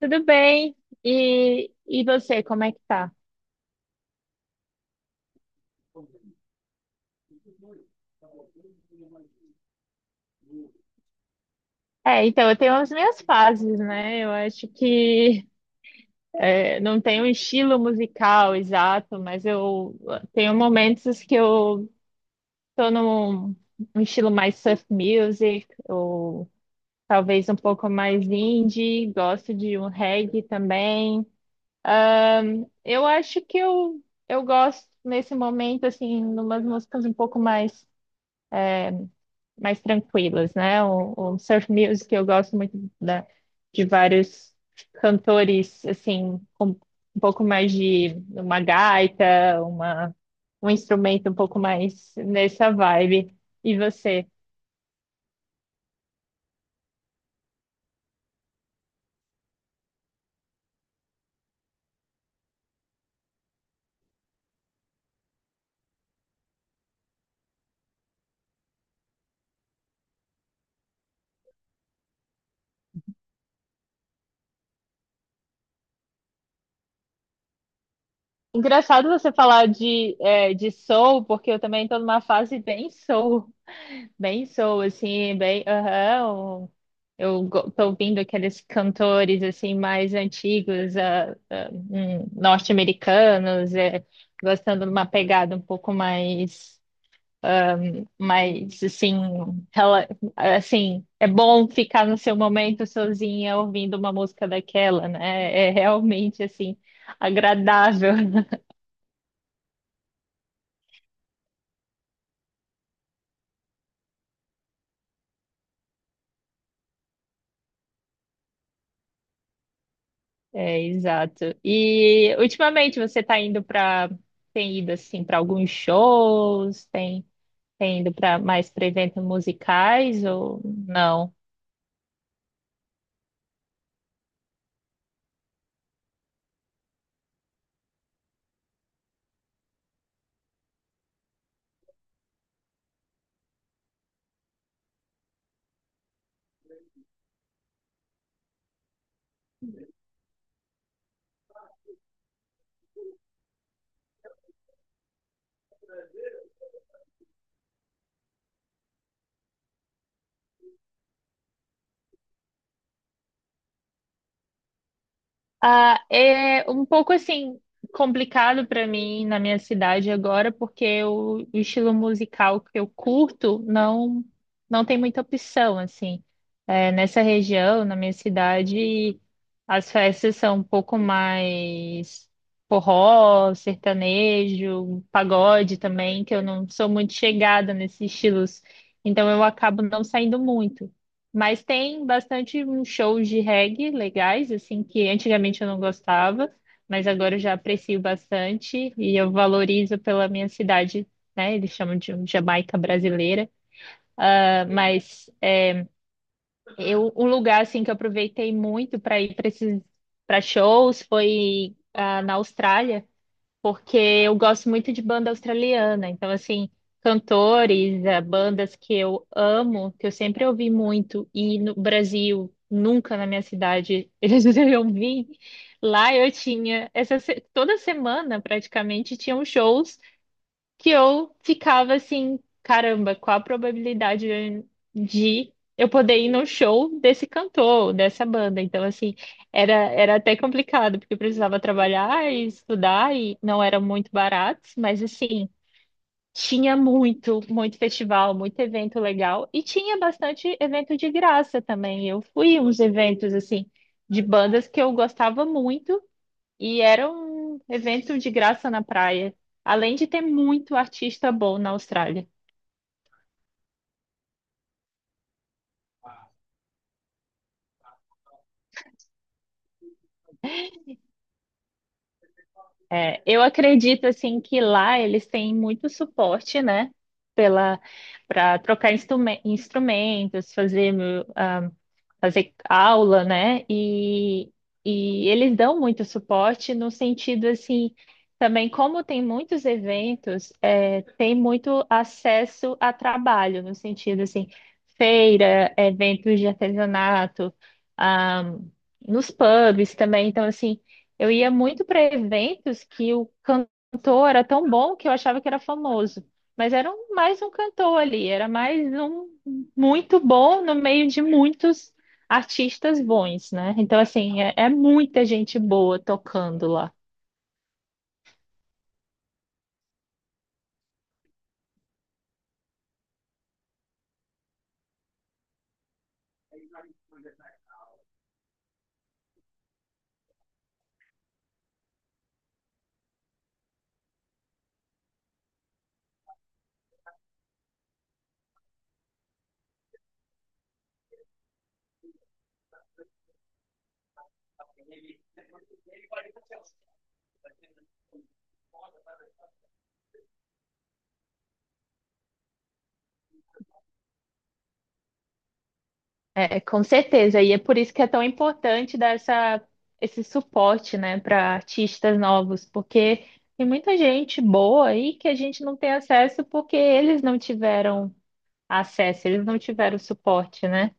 Tudo bem? E você, como é que tá? É, então, eu tenho as minhas fases, né? Eu acho que é, não tenho um estilo musical exato, mas eu tenho momentos que eu tô num estilo mais surf music, ou talvez um pouco mais indie, gosto de um reggae também. Eu acho que eu gosto nesse momento, assim, numas músicas um pouco mais, mais tranquilas, né? O surf music eu gosto muito de vários cantores, assim, com um pouco mais de uma gaita, um instrumento um pouco mais nessa vibe. E você? Engraçado você falar de soul, porque eu também estou numa fase bem soul. Bem sou, assim, bem. Aham. Tô ouvindo aqueles cantores, assim, mais antigos, norte-americanos, gostando de uma pegada um pouco mais, mais assim, rela- assim, é bom ficar no seu momento sozinha ouvindo uma música daquela, né? É realmente, assim, agradável. É, exato. E ultimamente você está indo para, tem ido assim para alguns shows, tem, tem ido para mais para eventos musicais ou não? Ah, é um pouco assim complicado para mim na minha cidade agora, porque o estilo musical que eu curto não tem muita opção assim. É, nessa região, na minha cidade, as festas são um pouco mais forró, sertanejo, pagode também, que eu não sou muito chegada nesses estilos, então eu acabo não saindo muito. Mas tem bastante uns shows de reggae legais, assim, que antigamente eu não gostava, mas agora eu já aprecio bastante e eu valorizo pela minha cidade, né? Eles chamam de um Jamaica brasileira. Ah, mas é, um lugar, assim, que eu aproveitei muito para ir para esses, para shows foi na Austrália, porque eu gosto muito de banda australiana. Então, assim, cantores, bandas que eu amo, que eu sempre ouvi muito, e no Brasil, nunca na minha cidade eles deveriam vir. Lá eu tinha, essa, se- toda semana praticamente tinham shows que eu ficava assim, caramba, qual a probabilidade de eu poder ir no show desse cantor, dessa banda? Então, assim, era até complicado, porque eu precisava trabalhar e estudar, e não era muito barato, mas assim, tinha muito, muito festival, muito evento legal, e tinha bastante evento de graça também. Eu fui em uns eventos, assim, de bandas que eu gostava muito. E era um evento de graça na praia. Além de ter muito artista bom na Austrália. É, eu acredito assim que lá eles têm muito suporte, né? Pela, para trocar instrumentos, fazer, ah, fazer aula, né? E eles dão muito suporte no sentido assim, também como tem muitos eventos, é, tem muito acesso a trabalho no sentido assim, feira, eventos de artesanato, ah, nos pubs também. Então, assim, eu ia muito para eventos que o cantor era tão bom que eu achava que era famoso, mas era mais um cantor ali, era mais um muito bom no meio de muitos artistas bons, né? Então, assim, é, é muita gente boa tocando lá. É, com certeza, e é por isso que é tão importante dar esse suporte, né, para artistas novos, porque tem muita gente boa aí que a gente não tem acesso porque eles não tiveram acesso, eles não tiveram suporte, né?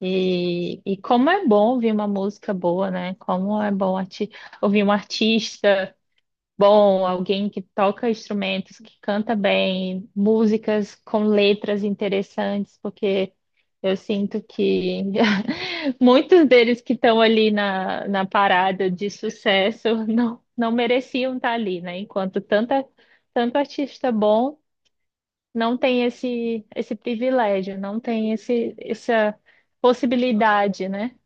E como é bom ouvir uma música boa, né? Como é bom arti ouvir um artista bom, alguém que toca instrumentos, que canta bem, músicas com letras interessantes, porque eu sinto que muitos deles que estão ali na parada de sucesso não mereciam estar ali, né? Enquanto tanta, tanto artista bom não tem esse privilégio, não tem essa possibilidade, né?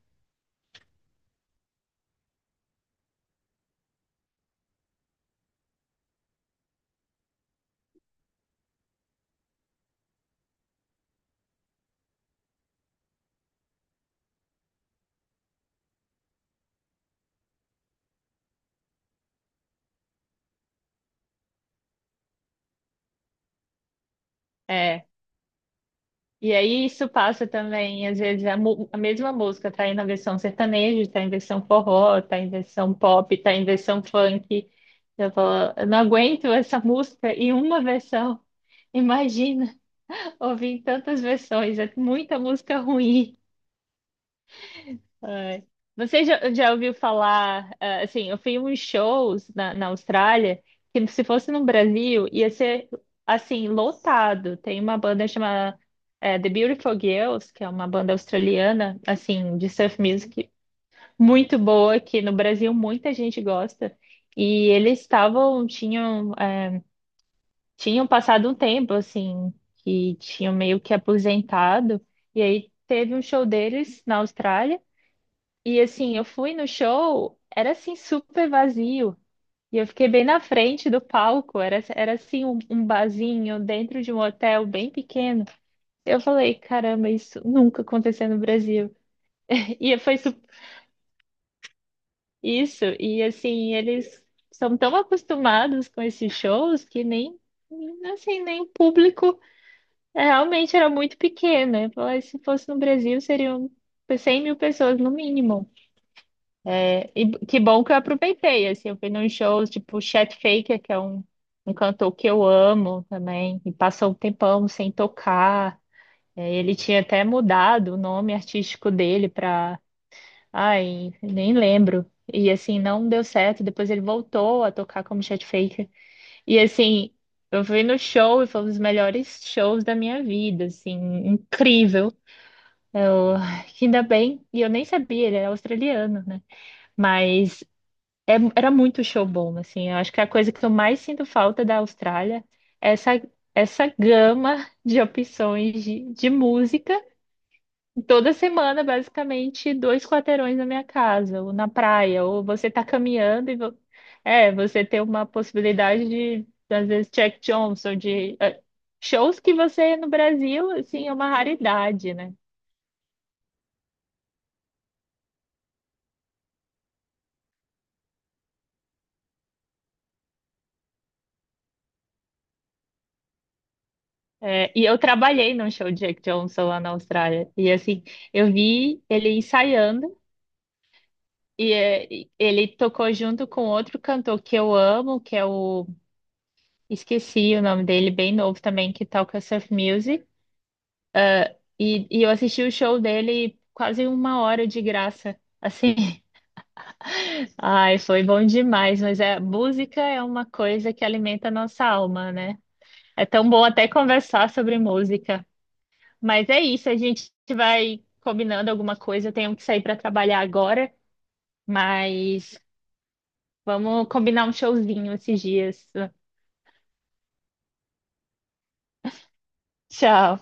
É. E aí isso passa também, às vezes, a mesma música tá aí na versão sertaneja, tá em versão forró, tá em versão pop, tá em versão funk. Eu falo, eu não aguento essa música em uma versão. Imagina ouvir tantas versões, é muita música ruim. Ai. Você já ouviu falar, assim, eu fui em uns shows na Austrália, que se fosse no Brasil, ia ser, assim, lotado. Tem uma banda chamada, The Beautiful Girls, que é uma banda australiana, assim, de surf music, muito boa, que no Brasil muita gente gosta. E eles tinham passado um tempo, assim, que tinham meio que aposentado, e aí teve um show deles na Austrália, e assim, eu fui no show, era assim super vazio. E eu fiquei bem na frente do palco, era assim um, um barzinho dentro de um hotel bem pequeno. Eu falei, caramba, isso nunca aconteceu no Brasil. E foi su- isso, e assim, eles são tão acostumados com esses shows que nem, assim, nem o público é, realmente era muito pequeno. Eu falei, se fosse no Brasil, seriam 100 mil pessoas no mínimo. E que bom que eu aproveitei, assim, eu fui nos shows, tipo, o Chet Faker, que é um, um cantor que eu amo também, e passou um tempão sem tocar. É, ele tinha até mudado o nome artístico dele para, ai, nem lembro. E assim, não deu certo, depois ele voltou a tocar como Chet Faker. E assim, eu fui no show e foi um dos melhores shows da minha vida, assim, incrível. Eu, ainda bem, e eu nem sabia, ele era australiano, né? Mas era muito show bom, assim. Eu acho que a coisa que eu mais sinto falta da Austrália é essa, essa gama de opções de música. Toda semana, basicamente, 2 quarteirões na minha casa, ou na praia, ou você tá caminhando e você tem uma possibilidade de, às vezes, Jack Johnson, de shows que você no Brasil, assim, é uma raridade, né? É, e eu trabalhei num show de Jack Johnson lá na Austrália. E assim, eu vi ele ensaiando. E ele tocou junto com outro cantor que eu amo, que é o. Esqueci o nome dele, bem novo também, que toca surf music. E eu assisti o show dele quase uma hora de graça. Assim, ai, foi bom demais. Mas é música é uma coisa que alimenta a nossa alma, né? É tão bom até conversar sobre música. Mas é isso, a gente vai combinando alguma coisa. Eu tenho que sair para trabalhar agora, mas vamos combinar um showzinho esses dias. Tchau.